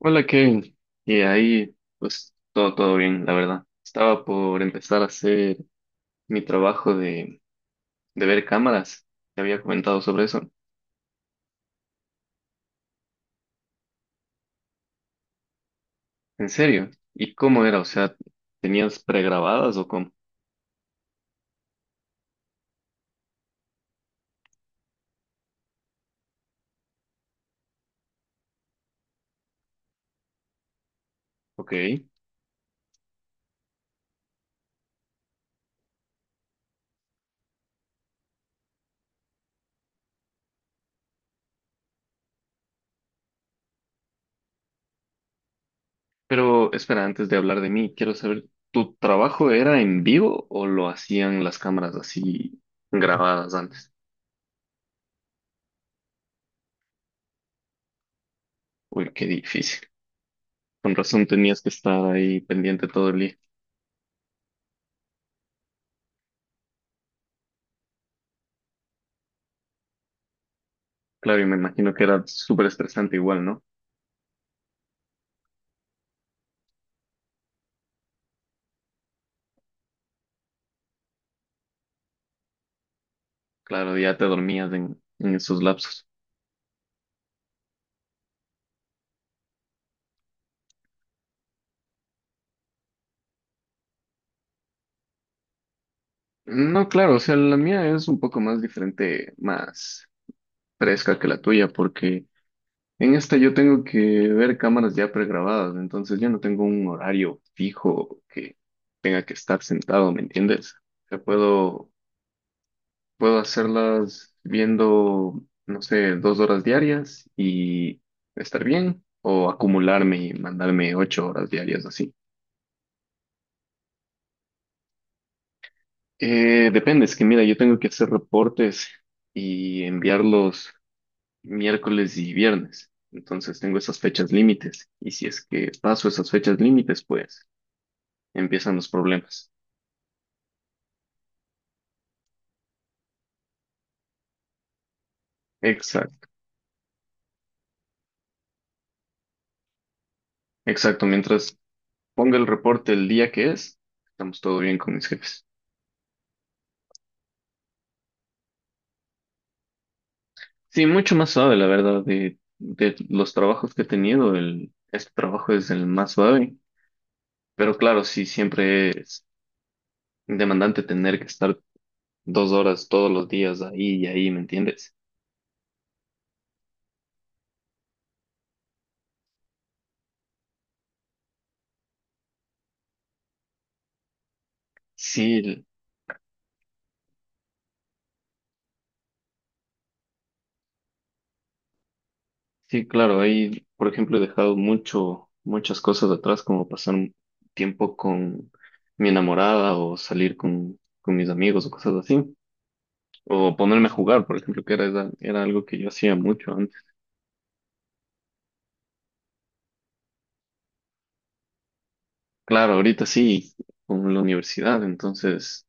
Hola Kevin, y ahí pues todo, bien, la verdad. Estaba por empezar a hacer mi trabajo de ver cámaras, te había comentado sobre eso. ¿En serio? ¿Y cómo era? O sea, ¿tenías pregrabadas o cómo? Ok, pero espera, antes de hablar de mí, quiero saber, ¿tu trabajo era en vivo o lo hacían las cámaras así grabadas antes? Uy, qué difícil. Con razón tenías que estar ahí pendiente todo el día. Claro, y me imagino que era súper estresante igual, ¿no? Claro, ya te dormías en esos lapsos. No, claro, o sea, la mía es un poco más diferente, más fresca que la tuya, porque en esta yo tengo que ver cámaras ya pregrabadas, entonces yo no tengo un horario fijo que tenga que estar sentado, ¿me entiendes? O sea, puedo hacerlas viendo, no sé, 2 horas diarias y estar bien, o acumularme y mandarme 8 horas diarias así. Depende, es que mira, yo tengo que hacer reportes y enviarlos miércoles y viernes. Entonces tengo esas fechas límites. Y si es que paso esas fechas límites, pues empiezan los problemas. Exacto, exacto. Mientras ponga el reporte el día que es, estamos todo bien con mis jefes. Sí, mucho más suave, la verdad, de los trabajos que he tenido, este trabajo es el más suave. Pero claro, sí, siempre es demandante tener que estar 2 horas todos los días ahí y ahí, ¿me entiendes? Sí, sí, claro, ahí, por ejemplo, he dejado muchas cosas atrás, como pasar un tiempo con mi enamorada o salir con mis amigos o cosas así, o ponerme a jugar, por ejemplo, que era, era algo que yo hacía mucho antes. Claro, ahorita sí, con la universidad, entonces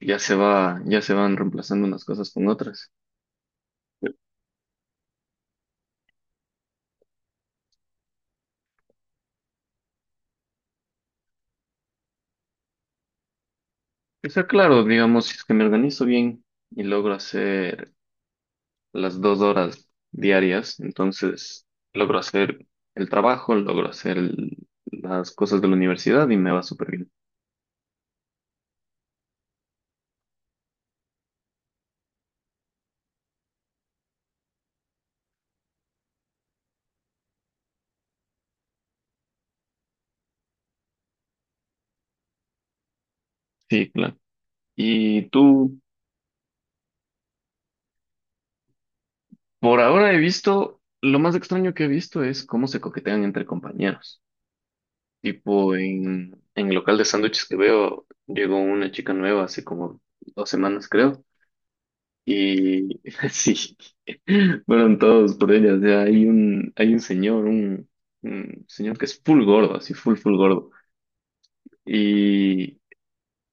ya se va, ya se van reemplazando unas cosas con otras. O sea, claro, digamos, si es que me organizo bien y logro hacer las 2 horas diarias, entonces logro hacer el trabajo, logro hacer las cosas de la universidad y me va súper bien. Sí, claro. Y tú, por ahora he visto, lo más extraño que he visto es cómo se coquetean entre compañeros. Tipo, en el local de sándwiches que veo, llegó una chica nueva hace como 2 semanas, creo. Y sí, fueron todos por ella. O sea, hay un señor que es full gordo, así full, full gordo. Y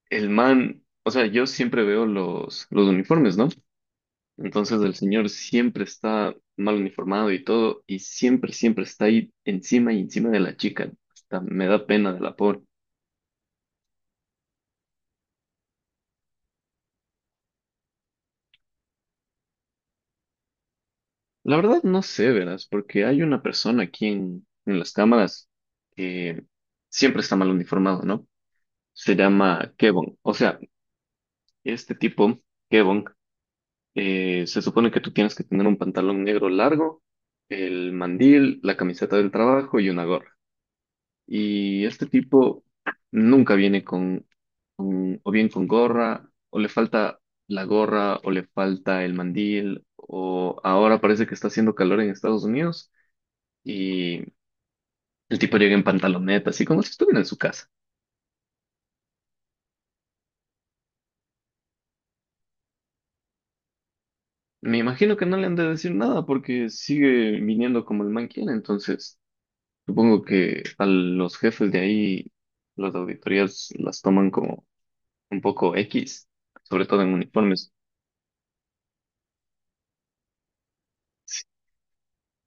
el man, o sea, yo siempre veo los uniformes, ¿no? Entonces el señor siempre está mal uniformado y todo, y siempre, siempre está ahí encima y encima de la chica. Hasta me da pena de la pobre. La verdad no sé, verás, porque hay una persona aquí en las cámaras que siempre está mal uniformado, ¿no? Se llama Kebon. O sea, este tipo, Kebon, se supone que tú tienes que tener un pantalón negro largo, el mandil, la camiseta del trabajo y una gorra. Y este tipo nunca viene o bien con gorra, o le falta la gorra, o le falta el mandil, o ahora parece que está haciendo calor en Estados Unidos y el tipo llega en pantaloneta, así como si estuviera en su casa. Me imagino que no le han de decir nada porque sigue viniendo como el man quiere, entonces supongo que a los jefes de ahí las auditorías las toman como un poco X, sobre todo en uniformes.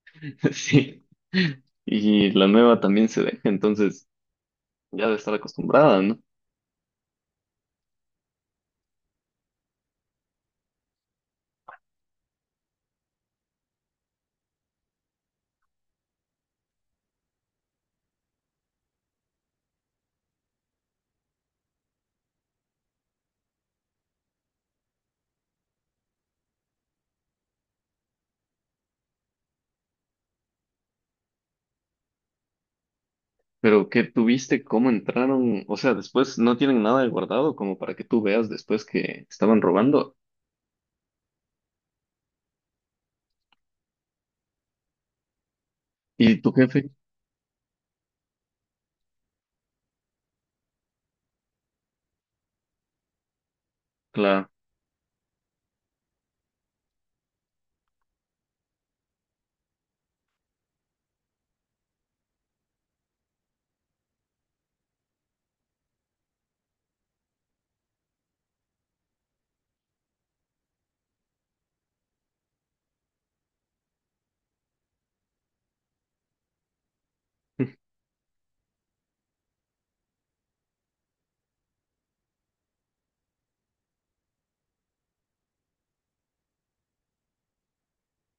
Sí. Y la nueva también se deja, entonces ya debe estar acostumbrada, ¿no? Pero ¿qué tuviste? ¿Cómo entraron? O sea, después no tienen nada de guardado como para que tú veas después que estaban robando. ¿Y tu jefe? Claro.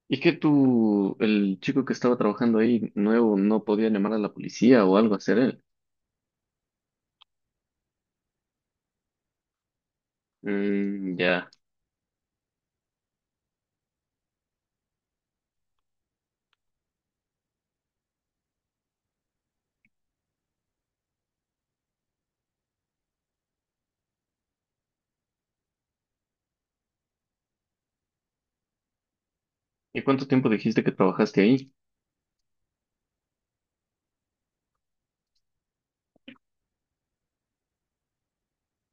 ¿Y que tú, el chico que estaba trabajando ahí nuevo, no podía llamar a la policía o algo hacer él? Mm, ya. ¿Y cuánto tiempo dijiste que trabajaste ahí?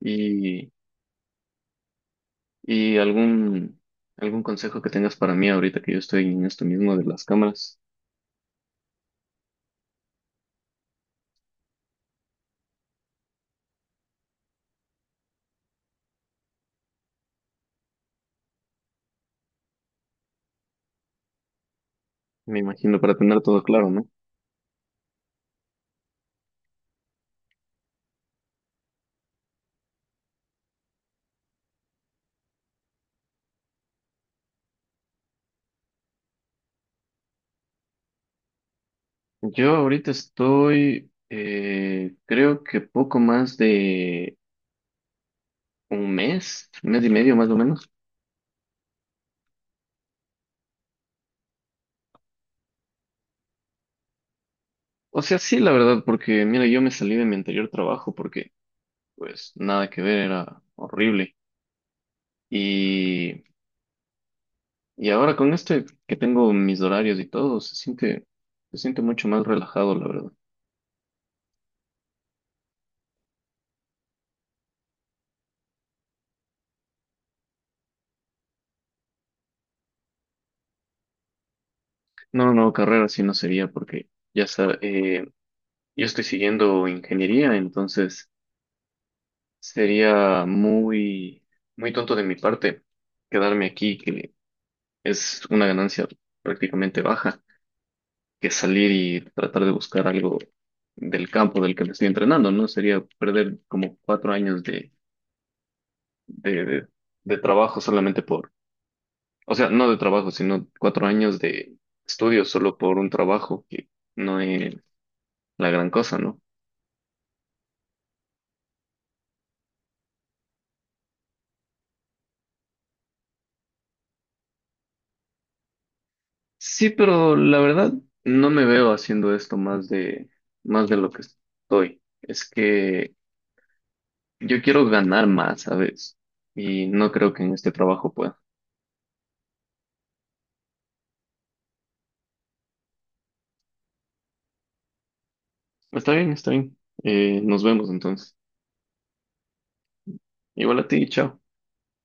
¿Y, y algún, algún consejo que tengas para mí ahorita que yo estoy en esto mismo de las cámaras? Me imagino para tener todo claro, ¿no? Yo ahorita estoy, creo que poco más de un mes y medio más o menos. O sea, sí, la verdad, porque mira, yo me salí de mi anterior trabajo porque pues nada que ver, era horrible. Y, y ahora con este que tengo mis horarios y todo, se siente mucho más relajado, la verdad. No, no, no, carrera sí no sería porque ya está, yo estoy siguiendo ingeniería, entonces sería muy, muy tonto de mi parte quedarme aquí, que es una ganancia prácticamente baja, que salir y tratar de buscar algo del campo del que me estoy entrenando, ¿no? Sería perder como 4 años de, de- de trabajo solamente por, o sea, no de trabajo, sino 4 años de estudio solo por un trabajo, que no es la gran cosa, ¿no? Sí, pero la verdad no me veo haciendo esto más de lo que estoy. Es que yo quiero ganar más, ¿sabes? Y no creo que en este trabajo pueda. Está bien, está bien. Nos vemos entonces. Igual a ti, chao.